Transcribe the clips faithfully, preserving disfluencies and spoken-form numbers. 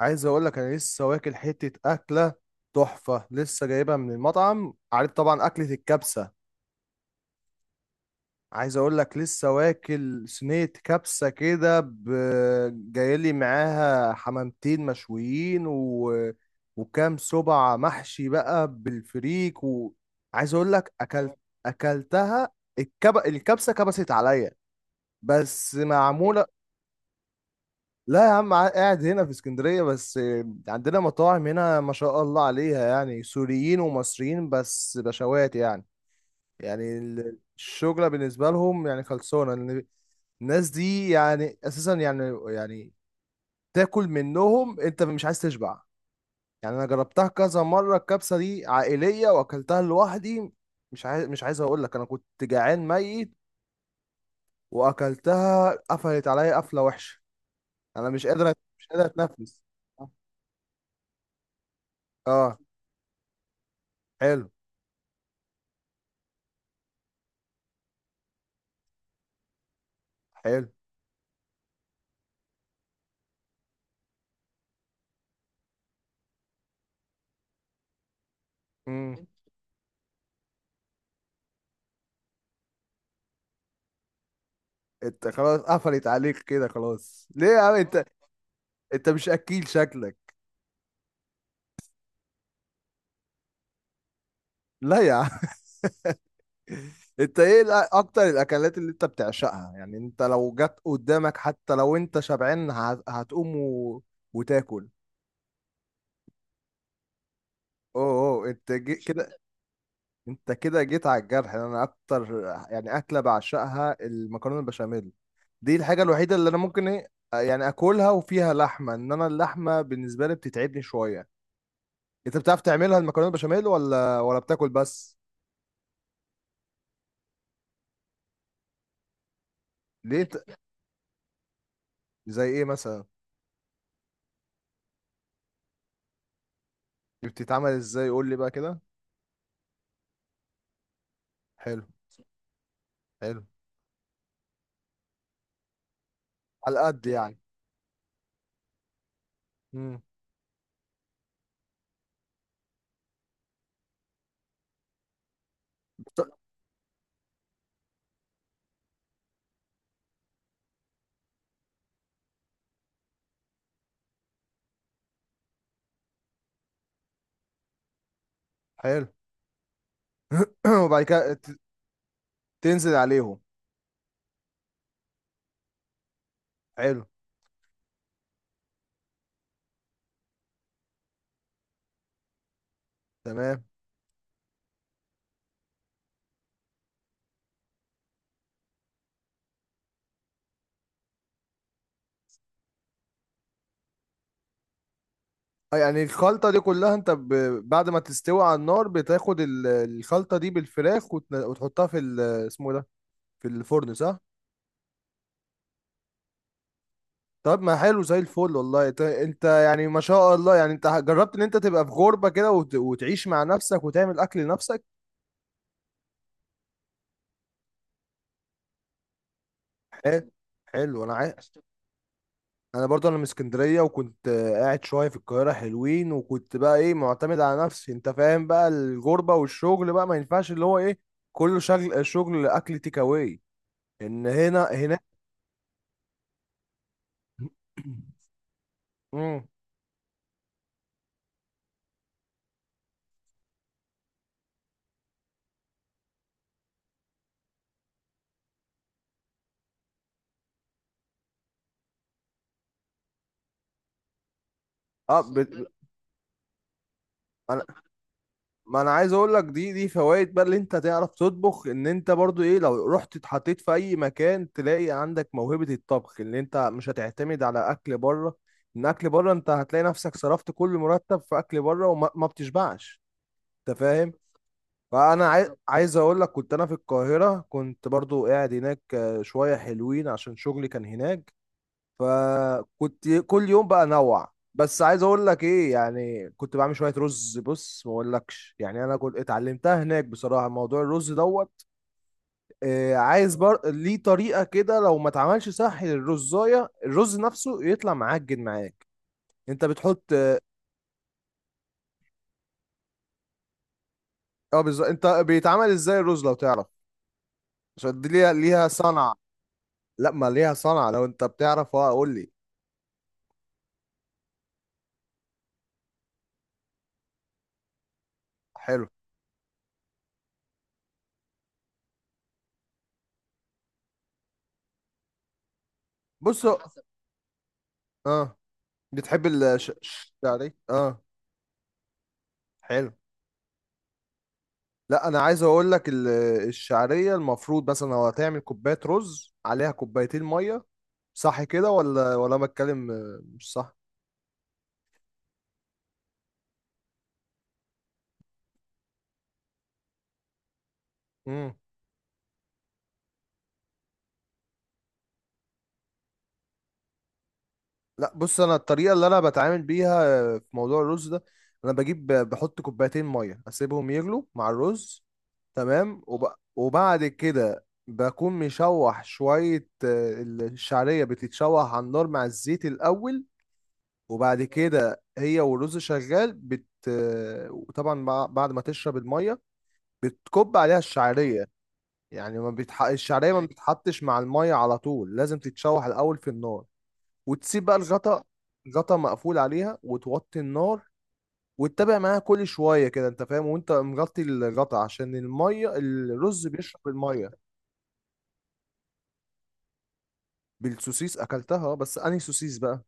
عايز اقول لك انا لسه واكل حته اكله تحفه، لسه جايبها من المطعم، عارف طبعا اكله الكبسه. عايز اقول لك لسه واكل صينيه كبسه كده ب... جايلي معاها حمامتين مشويين و... وكام سبع محشي بقى بالفريك و... عايز اقول لك اكلت اكلتها. الكب... الكبسه كبست عليا، بس معموله. لا يا عم، ع- قاعد هنا في اسكندرية بس. عندنا مطاعم هنا ما شاء الله عليها، يعني سوريين ومصريين، بس بشوات يعني. يعني ال- الشغلة بالنسبة لهم يعني خلصانة لأن الناس دي يعني أساسا يعني يعني تاكل منهم، أنت مش عايز تشبع. يعني أنا جربتها كذا مرة، الكبسة دي عائلية وأكلتها لوحدي. مش عايز مش عايز أقول لك أنا كنت جعان ميت، وأكلتها قفلت عليا قفلة وحشة. أنا مش قادر أت- مش قادر أتنفس. أه. حلو. حلو. امم. انت خلاص قفلت عليك كده، خلاص ليه يا عم انت؟ انت مش اكيل شكلك؟ لا يا عم. انت ايه الأ- اكتر الاكلات اللي انت بتعشقها؟ يعني انت لو جت قدامك حتى لو انت شبعان ه- هتقوم و... وتاكل. اوه، اوه، انت جي... كده. انت كده جيت على الجرح، يعني انا اكتر، يعني اكله بعشقها المكرونه البشاميل، دي الحاجه الوحيده اللي انا ممكن ايه. يعني اكلها، وفيها لحمه، ان انا اللحمه بالنسبه لي بتتعبني شويه. انت بتعرف تعملها المكرونه بشاميل ولا ولا بتاكل بس؟ ليه ت- زي ايه مثلا؟ دي بتتعمل ازاي؟ قول لي بقى كده. حلو. حلو. على قد يعني. امم. حلو. وبعد كده ت- تنزل عليهم. حلو. تمام. اه، يعني الخلطه دي كلها انت ب... بعد ما تستوي على النار، بتاخد ال- الخلطه دي بالفراخ وتن... وتحطها في ال... اسمه ده، في الفرن، صح؟ طب ما حلو زي الفل، والله انت انت يعني ما شاء الله، يعني انت جربت ان انت تبقى في غربة كده وت... وتعيش مع نفسك وتعمل اكل لنفسك. حلو. حلو. انا عاي... انا برضو انا من اسكندريه، وكنت آه، قاعد شويه في القاهره حلوين، وكنت بقى ايه معتمد على نفسي، انت فاهم بقى الغربه والشغل بقى ما ينفعش اللي هو ايه، كله شغل شغل اكل تيك اواي ان هنا هنا. مم. اه، ب... انا، ما انا عايز اقول لك دي دي فوائد بقى اللي انت تعرف تطبخ، ان انت برضو ايه لو رحت اتحطيت في اي مكان، تلاقي عندك موهبة الطبخ، اللي انت مش هتعتمد على اكل بره. ان اكل بره انت هتلاقي نفسك صرفت كل مرتب في اكل بره، وما ما بتشبعش. انت فاهم؟ فانا عايز بالظبط، عايز اقول لك كنت انا في القاهرة، كنت برضو قاعد هناك آه، شوية حلوين عشان شغلي كان هناك. فكنت كل يوم بقى انوع، بس عايز اقول لك ايه، يعني كنت بعمل شويه رز، بص ما اقولكش، يعني انا كنت اتعلمتها هناك بصراحه، موضوع الرز دوت. آه عايز بر... ليه طريقه كده، لو ما اتعملش صح للرزايه الرز نفسه يطلع معجن معاك. انت بتحط. اه بالظبط، انت بيتعمل ازاي الرز لو تعرف؟ عشان دي ليها ليها صنعه. لا، ما ليها صنعه، لو انت بتعرف اه قول لي. حلو. بص. اه. بتحب الش... ش... يعني اه. حلو. لا انا عايز اقول لك ال- الشعريه المفروض مثلا لو هتعمل كوبايه رز عليها كوبايتين ميه. صح كده ولا ولا أنا بتكلم آه، مش صح؟ امم. لا، بص انا الطريقه اللي انا بتعامل بيها آه، في موضوع الرز ده. انا بجيب ب- بحط كوبايتين ميه، اسيبهم يغلوا مع الرز. تمام وب... وبعد كده بكون مشوح شويه، آه، الشعريه بتتشوح على النار مع الزيت الاول. وبعد كده هي والرز شغال بت. وطبعا بع- بعد ما تشرب الميه، بتكب عليها الشعريه. يعني ما بيتح... الشعريه ما بتتحطش مع الميه على طول، لازم تتشوح الاول في النار. وتسيب بقى الغطا، الغطا مقفول عليها وتوطي النار، وتتابع معاها كل شويه كده، انت فاهم وانت مغطي الغطا، عشان الميه، الرز بيشرب الميه. بالسوسيس اكلتها، بس انهي سوسيس بقى؟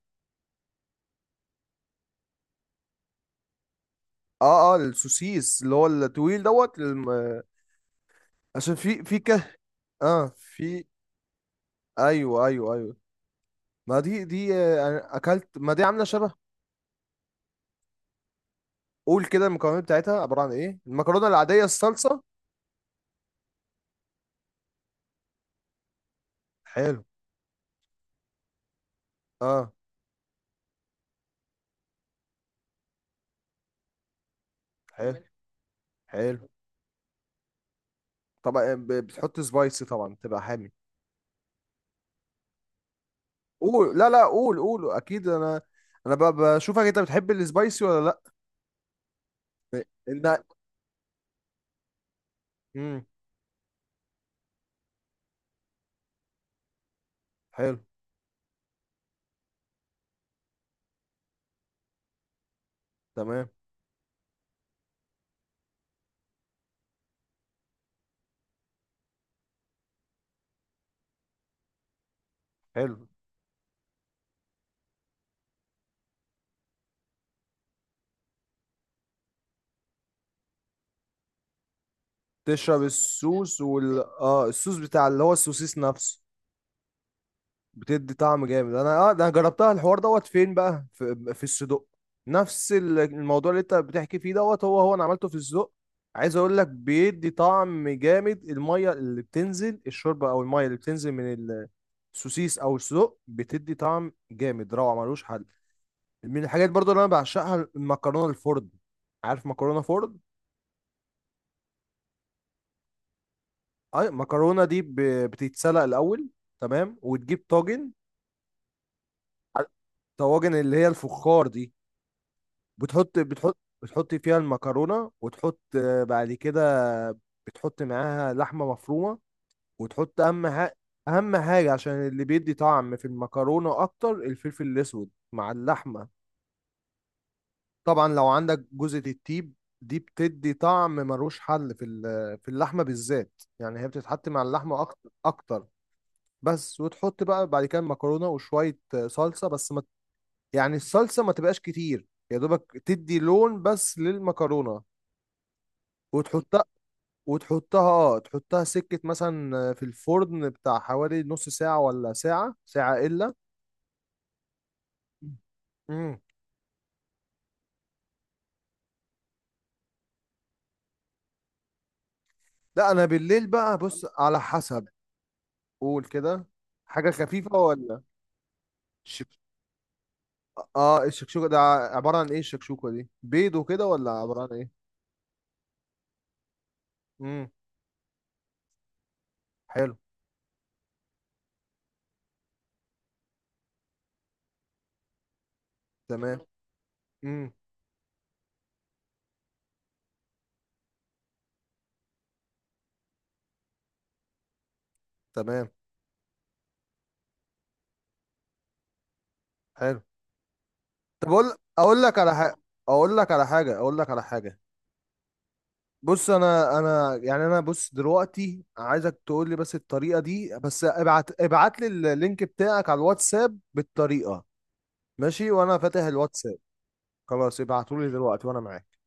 اه، اه، السوسيس اللي هو الطويل دوت الم... عشان في في كه. اه، في. ايوه، ايوه، ايوه. ما دي دي آه، أنا اكلت، ما دي عامله شبه. قول كده، المكونات بتاعتها عباره عن ايه؟ المكرونه العاديه، الصلصه. حلو. اه. حلو. حلو. طبعا ب- بتحط سبايسي، طبعا تبقى حامي. قول، لا لا، قول قول، اكيد انا، انا ب- بشوفك انت بتحب السبايسي ولا لا؟ انت. امم. حلو. تمام. حلو. تشرب الصوص وال اه الصوص بتاع اللي هو السوسيس نفسه. بتدي طعم جامد. انا اه ده انا جربتها الحوار دوت، فين بقى؟ في, في الصدق. نفس ال- الموضوع اللي انت بتحكي فيه دوت هو هو، انا عملته في الصدق. عايز اقول لك بيدي طعم جامد، الميه اللي بتنزل الشوربه، او الميه اللي بتنزل من السوسيس او الصدق، بتدي طعم جامد روعه ملوش حل. من الحاجات برضو اللي انا بعشقها المكرونه الفرن. عارف مكرونه فرن؟ اي المكرونه دي ب- بتتسلق الاول. تمام، وتجيب طاجن، طواجن اللي هي الفخار دي. بتحط بتحط. بتحط فيها المكرونة وتحط آه، بعد كده بتحط معاها لحمة مفرومة، وتحط أهم حاجة، أهم حاجة عشان اللي بيدي طعم في المكرونة أكتر الفلفل الأسود مع اللحمة. طبعا لو عندك جوزة الطيب، دي بتدي طعم ملوش حل في ال- في اللحمة بالذات، يعني هي بتتحط مع اللحمة أكتر أكتر. بس وتحط بقى بعد كده المكرونة وشوية آه، صلصة، بس ما، يعني الصلصة ما تبقاش كتير، يا دوبك تدي لون بس للمكرونة. وتحطها، وتحطها اه تحطها سكة مثلا في الفرن بتاع حوالي نص ساعة ولا ساعة، ساعة إلا. مم. لا أنا بالليل بقى، بص على حسب. قول كده. حاجة خفيفة ولا؟ شك- اه، الشكشوكة ده عبارة عن ايه؟ الشكشوكة دي بيض وكده ولا عبارة عن ايه؟ امم. حلو. تمام. امم. تمام. حلو. طب اقول، اقول لك على حاجة اقول لك على حاجة اقول لك على حاجة. بص، انا انا يعني انا، بص دلوقتي عايزك تقول لي بس الطريقه دي، بس ابعت ابعت لي اللينك بتاعك على الواتساب بالطريقه. ماشي وانا فاتح الواتساب. خلاص ابعتولي دلوقتي وانا معاك.